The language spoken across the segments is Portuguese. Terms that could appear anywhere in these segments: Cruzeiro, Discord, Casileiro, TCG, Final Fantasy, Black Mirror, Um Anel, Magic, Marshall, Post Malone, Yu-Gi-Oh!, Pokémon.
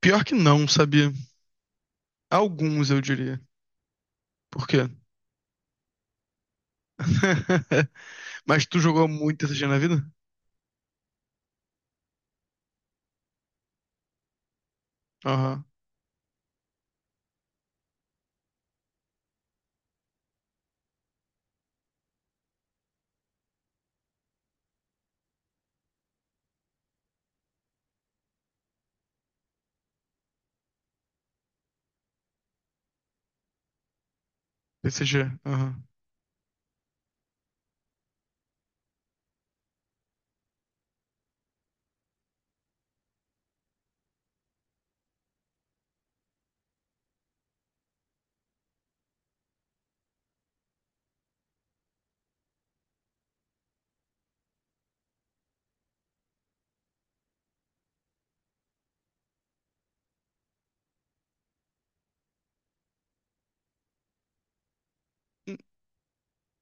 Pior que não, sabia? Alguns, eu diria. Por quê? Mas tu jogou muito TCG na vida? Aham. TCG, aham.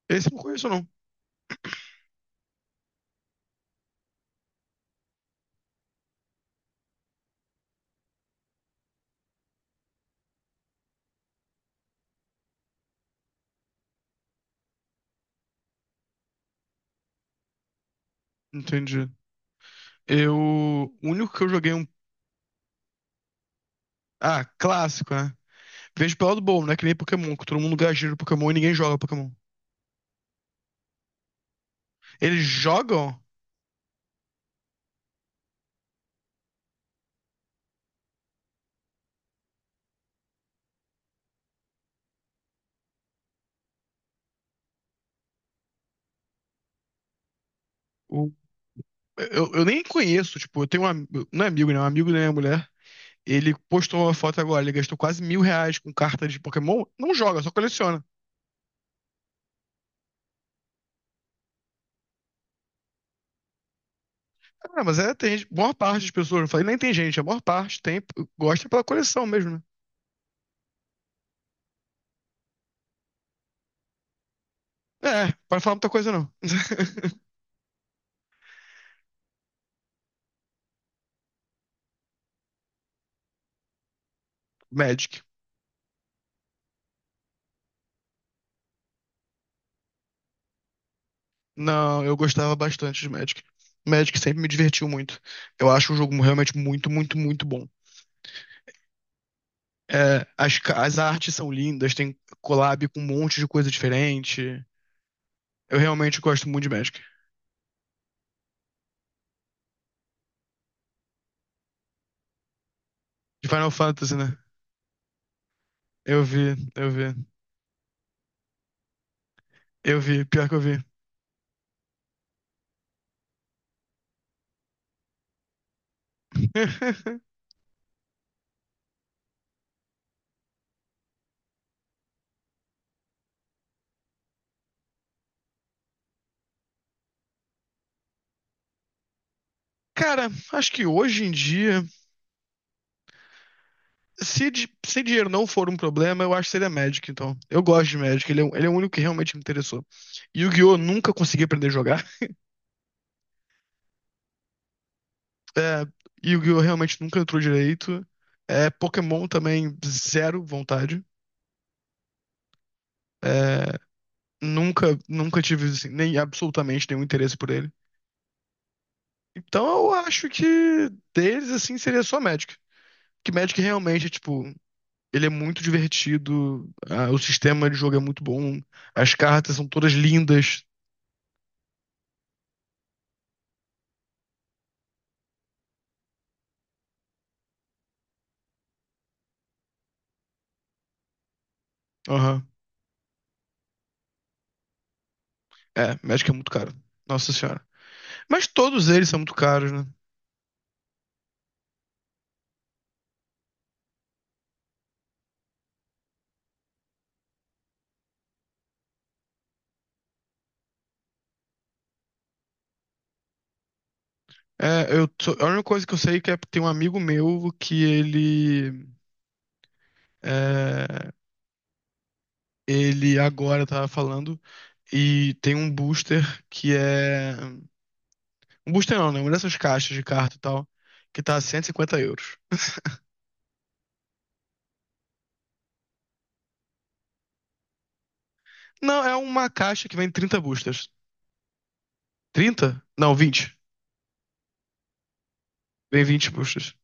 Esse eu não conheço, não. Entendi. Eu. O único que eu joguei um. Ah, clássico, né? Vejo pelo lado bom, né? Que nem Pokémon, que todo mundo gasta no Pokémon e ninguém joga Pokémon. Eles jogam. O... eu nem conheço, tipo, eu tenho um. Não é amigo, né? Um amigo da minha mulher. Ele postou uma foto agora, ele gastou quase R$ 1.000 com cartas de Pokémon. Não joga, só coleciona. Ah, mas é, boa parte das pessoas, não falei nem tem gente, a maior parte tem, gosta pela coleção mesmo, né? É, para falar muita coisa não. Magic. Não, eu gostava bastante de Magic. Magic sempre me divertiu muito. Eu acho o jogo realmente muito, muito, muito bom. É, as artes são lindas, tem collab com um monte de coisa diferente. Eu realmente gosto muito de Magic. De Final Fantasy, né? Eu vi, eu vi, eu vi, pior que eu vi. Cara, acho que hoje em dia. Se dinheiro não for um problema, eu acho que seria Magic, então. Eu gosto de Magic, ele é o único que realmente me interessou. Yu-Gi-Oh! Nunca consegui aprender a jogar. É, Yu-Gi-Oh! Realmente nunca entrou direito. É, Pokémon também, zero vontade. É, nunca tive, assim, nem absolutamente nenhum interesse por ele. Então eu acho que deles, assim, seria só Magic. Que Magic realmente, tipo, ele é muito divertido, o sistema de jogo é muito bom, as cartas são todas lindas. Aham. É, Magic é muito caro. Nossa senhora. Mas todos eles são muito caros, né? É, a única coisa que eu sei é que tem um amigo meu que ele. É, ele agora tava falando e tem um booster que é. Um booster não, né? Uma dessas caixas de carta e tal, que tá € 150. Não, é uma caixa que vem 30 boosters. Trinta? Não, 20. Vem 20 boosters.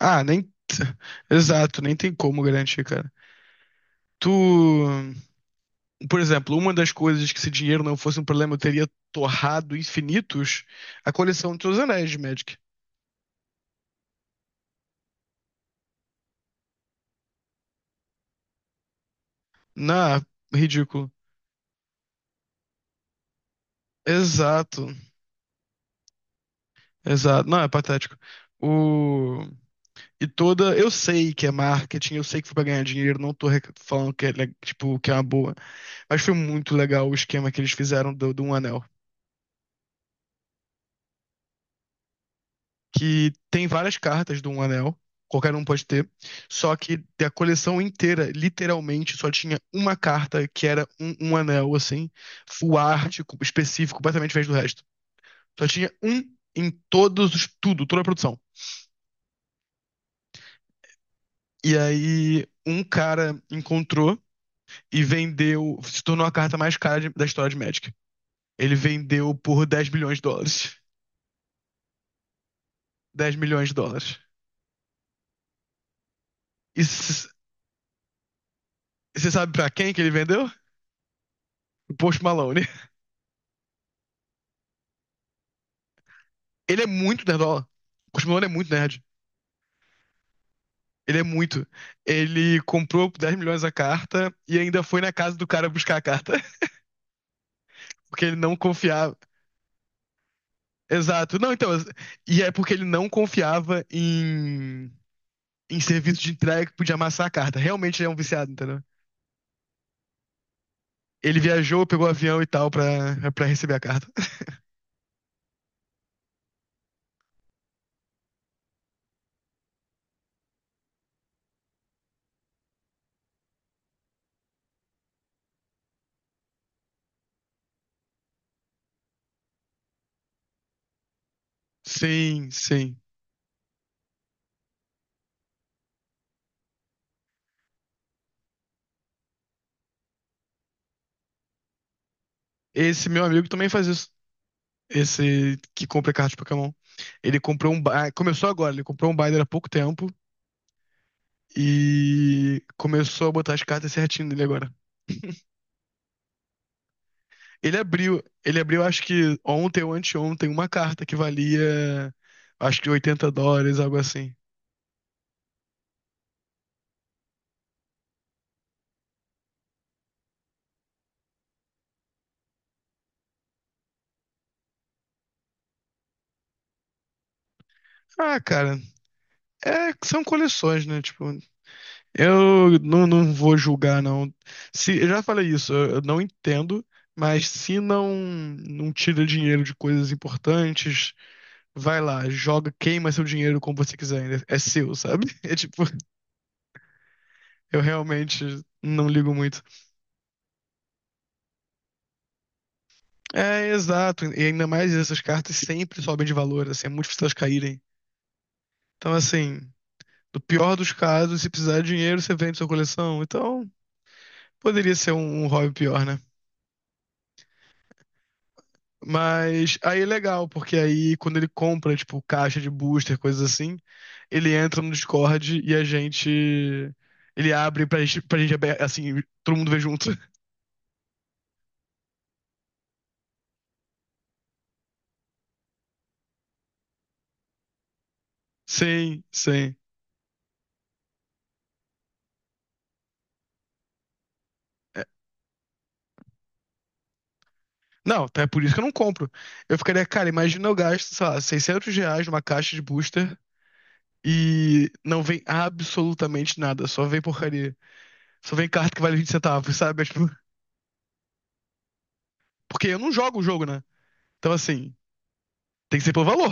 Ah, nem. Exato, nem tem como garantir, cara. Tu. Por exemplo, uma das coisas que se dinheiro não fosse um problema, eu teria torrado infinitos a coleção de seus anéis de Magic. Não, ridículo. Exato, exato. Não, é patético. O... E toda. Eu sei que é marketing, eu sei que foi pra ganhar dinheiro, não tô falando que é, tipo, que é uma boa. Mas foi muito legal o esquema que eles fizeram do Um Anel. Que tem várias cartas do Um Anel, qualquer um pode ter, só que da coleção inteira, literalmente, só tinha uma carta que era um anel, assim, full art, específico, completamente diferente do resto. Só tinha um em todos os, tudo, toda a produção. E aí, um cara encontrou e vendeu, se tornou a carta mais cara da história de Magic. Ele vendeu por US$ 10 bilhões. Dez milhões de dólares. E você sabe pra quem que ele vendeu? Pro Post Malone. Ele é muito nerdola. O Chris é muito nerd. Ele é muito. Ele comprou por 10 milhões a carta e ainda foi na casa do cara buscar a carta, porque ele não confiava. Exato. Não, então. E é porque ele não confiava em serviço de entrega que podia amassar a carta. Realmente ele é um viciado, entendeu? Ele viajou, pegou o avião e tal pra receber a carta. Sim, sim. Esse meu amigo também faz isso. Esse que compra cartas de Pokémon. Ele comprou um. Começou agora, ele comprou um binder há pouco tempo e começou a botar as cartas certinho nele agora. Ele abriu, acho que ontem ou anteontem, uma carta que valia, acho que US$ 80, algo assim. Ah, cara, é, são coleções, né? Tipo, eu não vou julgar, não. Se, eu já falei isso, eu não entendo, mas se não tira dinheiro de coisas importantes, vai lá, joga, queima seu dinheiro como você quiser, ainda é seu, sabe? É tipo, eu realmente não ligo muito. É, exato, e ainda mais essas cartas sempre sobem de valor, assim, é muito difícil elas caírem. Então, assim, no pior dos casos, se precisar de dinheiro, você vende sua coleção. Então, poderia ser um hobby pior, né? Mas aí é legal, porque aí quando ele compra, tipo, caixa de booster, coisas assim, ele entra no Discord e a gente. Ele abre pra gente, assim, todo mundo vê junto. Sim, sim. É. Não, então é por isso que eu não compro. Eu ficaria, cara, imagina eu gasto, sei lá, R$ 600 numa caixa de booster e não vem absolutamente nada, só vem porcaria. Só vem carta que vale 20 centavos, sabe? É, tipo, porque eu não jogo o jogo, né? Então, assim, tem que ser pelo valor.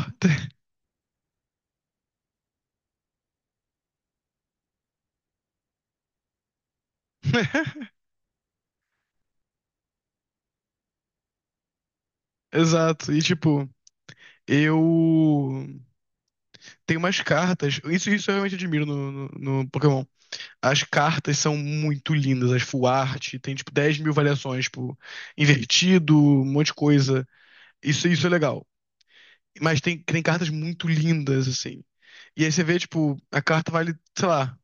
Exato. E, tipo, eu tenho umas cartas. Isso eu realmente admiro no Pokémon. As cartas são muito lindas, as full art, tem tipo 10 mil variações, tipo, invertido, um monte de coisa. Isso é legal. Mas tem cartas muito lindas, assim. E aí você vê, tipo, a carta vale, sei lá,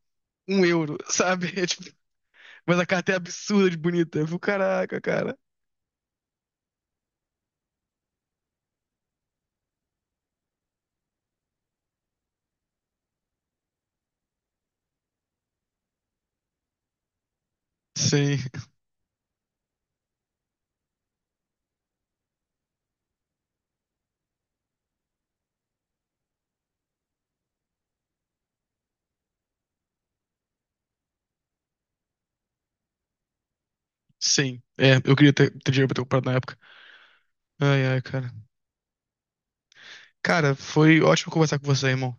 € 1, sabe? É, tipo, mas a carta é absurda de bonita. Eu fico, caraca, cara. Sim, sim. É, eu queria ter, dinheiro pra ter comprado na época. Ai, ai, cara. Cara, foi ótimo conversar com você, irmão.